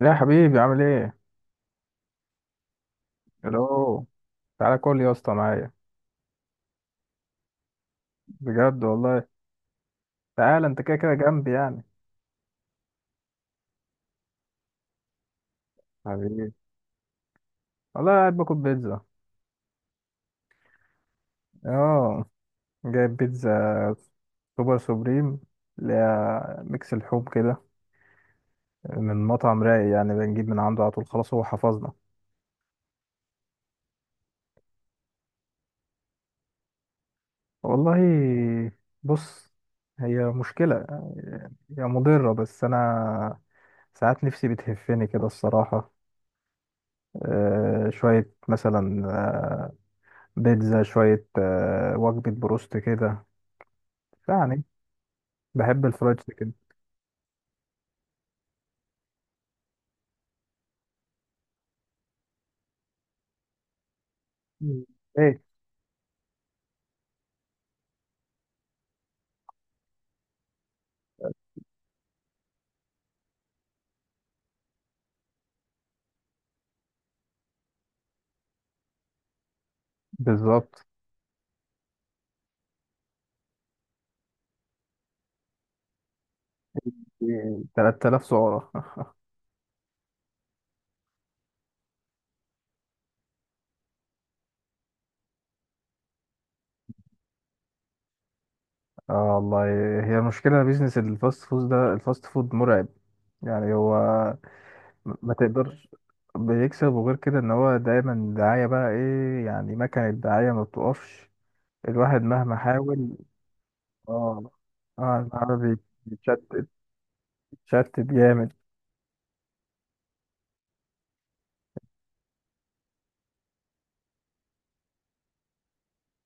لا يا حبيبي، عامل ايه؟ الو. تعالى كل يا اسطى معايا، بجد والله. تعالى انت كده كده جنبي يعني. حبيبي، والله قاعد باكل بيتزا. اه جايب بيتزا سوبر سوبريم، اللي هي ميكس اللحوم كده، من مطعم رايق، يعني بنجيب من عنده على طول، خلاص هو حفظنا. والله بص، هي مشكلة، هي مضرة، بس أنا ساعات نفسي بتهفني كده الصراحة. شوية مثلا، بيتزا، شوية وجبة بروست كده يعني. بحب الفرايد تشيكن. مم. ايه بالظبط. 3,000 سعرة اه والله، هي مشكلة بيزنس الفاست فود ده، الفاست فود مرعب يعني. هو ما تقدرش، بيكسب، وغير كده ان هو دايما دعاية، بقى ايه يعني، مكنة دعاية ما بتقفش، الواحد مهما حاول. اه اه، العربي بيتشتت، بيتشتت جامد.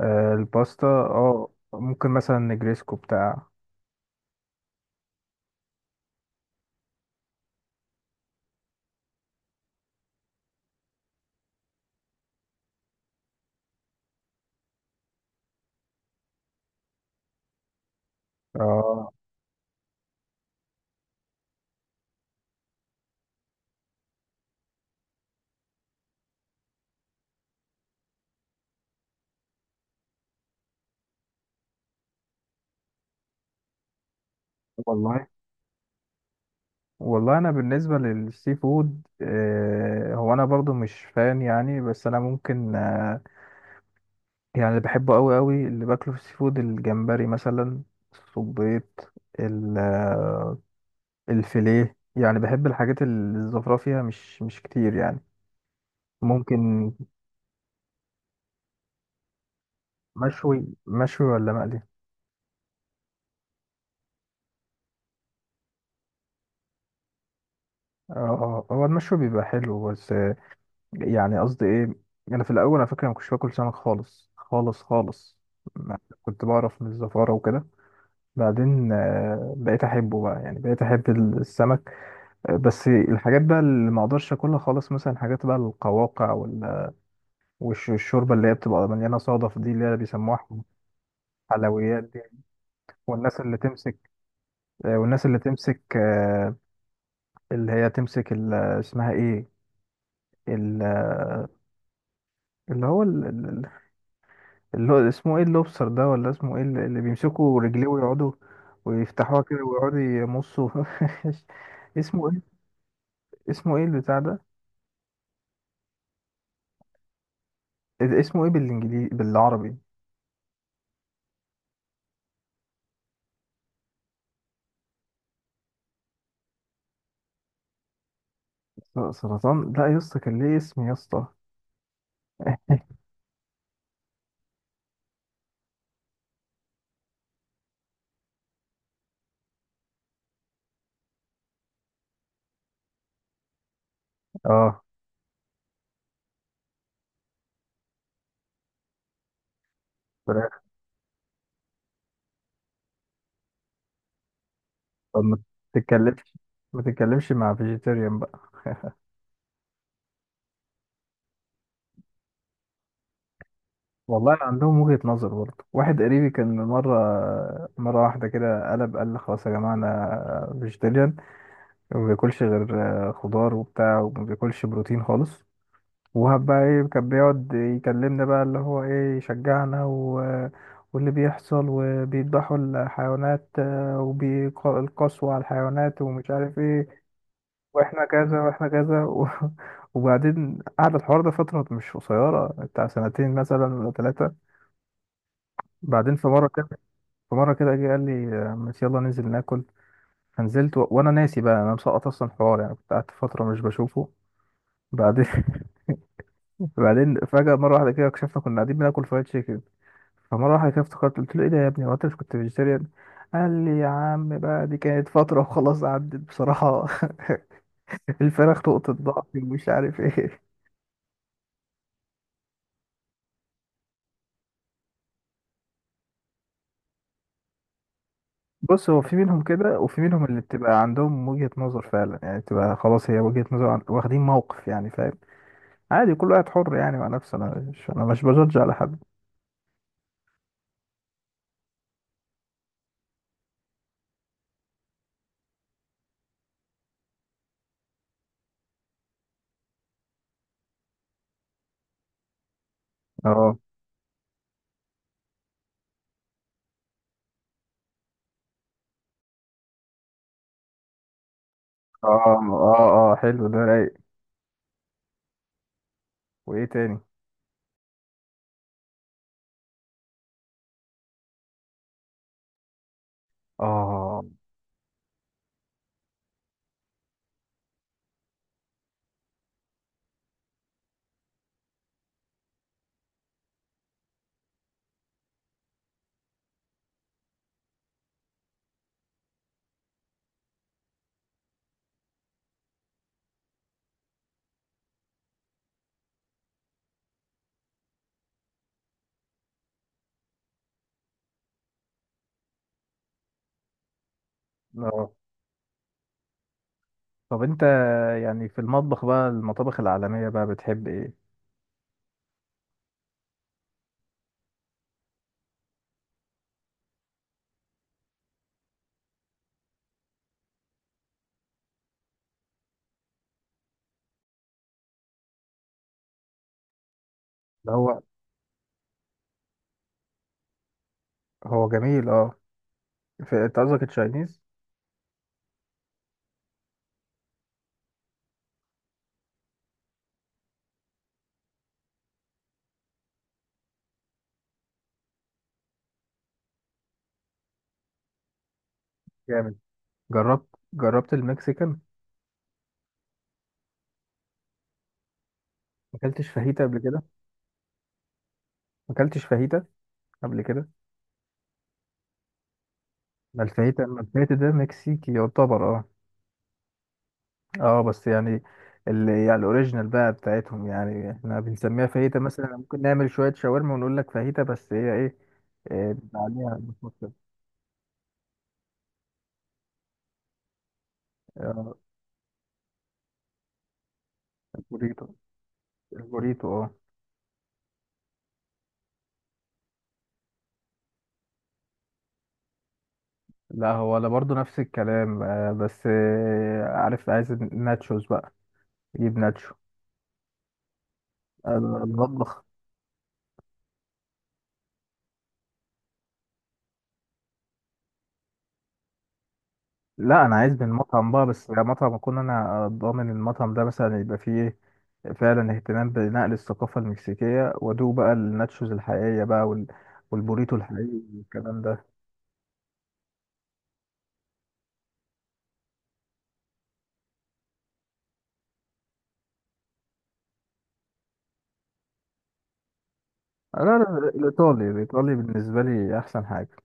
آه الباستا، اه ممكن مثلا نجريسكو بتاع. اه والله. والله انا بالنسبه للسي فود، هو انا برضو مش فان يعني، بس انا ممكن، يعني اللي بحبه قوي قوي، اللي باكله في السي فود الجمبري مثلا، الصبيط، ال- آه، الفيليه، يعني بحب الحاجات اللي الزفره فيها مش مش كتير يعني. ممكن. مشوي مشوي ولا مقلي؟ اه، هو المشوي بيبقى حلو بس، يعني قصدي ايه، انا في الاول على فكره ما كنتش باكل سمك خالص خالص خالص، ما كنت بعرف من الزفاره وكده. بعدين بقيت احبه بقى، يعني بقيت احب السمك. بس الحاجات بقى اللي ما اقدرش اكلها خالص، مثلا حاجات بقى القواقع، والشوربه اللي هي بتبقى مليانه صدف دي، اللي هي بيسموها حلويات دي. والناس اللي تمسك، والناس اللي تمسك، اللي هي تمسك اسمها ايه، ال- اللي هو، اللي هو اسمه ايه، اللوبستر ده ولا اسمه ايه، اللي اللي بيمسكوا رجليه ويقعدوا ويفتحوها كده ويقعدوا يمصوا اسمه ايه؟ اسمه ايه البتاع ده؟ اسمه ايه بالانجليزي بالعربي؟ سرطان؟ لا يا اسطى، كان ليه اسم يا اسطى. اه فراخ. طب ما تتكلمش، ما تتكلمش مع فيجيتيريان بقى والله عندهم وجهة نظر برضه، واحد قريبي كان مرة واحدة كده قلب قال لي خلاص يا جماعة أنا فيجيتيريان، وما بياكلش غير خضار وبتاع، وما بياكلش بروتين خالص، وهب بقى ايه كان بيقعد يكلمنا بقى، اللي هو ايه، يشجعنا واللي بيحصل وبيذبحوا الحيوانات، وبالقسوة على الحيوانات، ومش عارف ايه، واحنا كذا واحنا كذا وبعدين قعد الحوار ده فترة مش قصيرة، بتاع سنتين مثلا ولا ثلاثة. بعدين في مرة كده، في مرة كده جه قال لي، ماشي يلا ننزل ناكل. فنزلت وانا ناسي بقى، انا مسقط اصلا الحوار يعني، كنت قعدت فترة مش بشوفه. بعدين بعدين فجأة مرة واحدة كده، اكتشفنا كنا قاعدين بناكل فرايد تشيكن. فمرة واحدة كده افتكرت قلت له، ايه ده يا ابني، هو انت مش كنت فيجيتيريان؟ قال لي يا عم بقى، دي كانت فترة وخلاص عدت بصراحة الفراخ نقطة ضعف، ومش عارف ايه. بص، هو في منهم كده، وفي منهم اللي بتبقى عندهم وجهة نظر فعلا، يعني بتبقى خلاص هي وجهة نظر، واخدين موقف يعني، فاهم. عادي كل واحد حر يعني مع نفسه، انا مش بجدج على حد. اه اه اه اه، حلو ده رايق. وايه تاني؟ اه اه. طب انت يعني في المطبخ بقى، المطابخ العالمية بقى، بتحب ايه؟ اللي هو، هو جميل اه. انت قصدك التشاينيز؟ جامد. جربت، المكسيكان؟ ما اكلتش فاهيتا قبل كده؟ ما اكلتش فاهيتا قبل كده؟ ما الفاهيتا، ده مكسيكي يعتبر اه. اه بس يعني، اللي يعني الاوريجينال بقى بتاعتهم، يعني احنا بنسميها فاهيتا مثلا، ممكن نعمل شوية شاورما ونقول لك فاهيتا، بس هي ايه، إيه، بيبقى عليها بصوص كده. آه، البوريتو، اه. لا هو انا برضو نفس الكلام، بس عارف، عايز الناتشوز بقى، يجيب ناتشو. المطبخ، لا انا عايز من مطعم بقى، بس يعني مطعم اكون انا ضامن المطعم ده مثلا، يبقى فيه ايه فعلا اهتمام بنقل الثقافه المكسيكيه، وادوق بقى الناتشوز الحقيقيه بقى والبوريتو الحقيقي والكلام ده. لا لا، الايطالي، الايطالي بالنسبه لي احسن حاجه.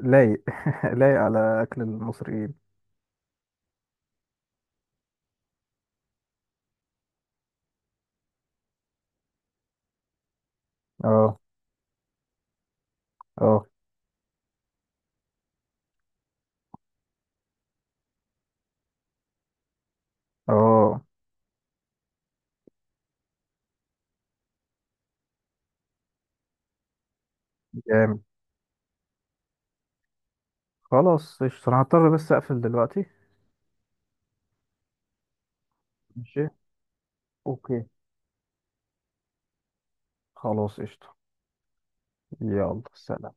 لايق لايق على اكل المصريين. اه اه اه، جامد. خلاص قشطه، انا هضطر بس اقفل دلوقتي. ماشي. اوكي، خلاص قشطه. يلا سلام.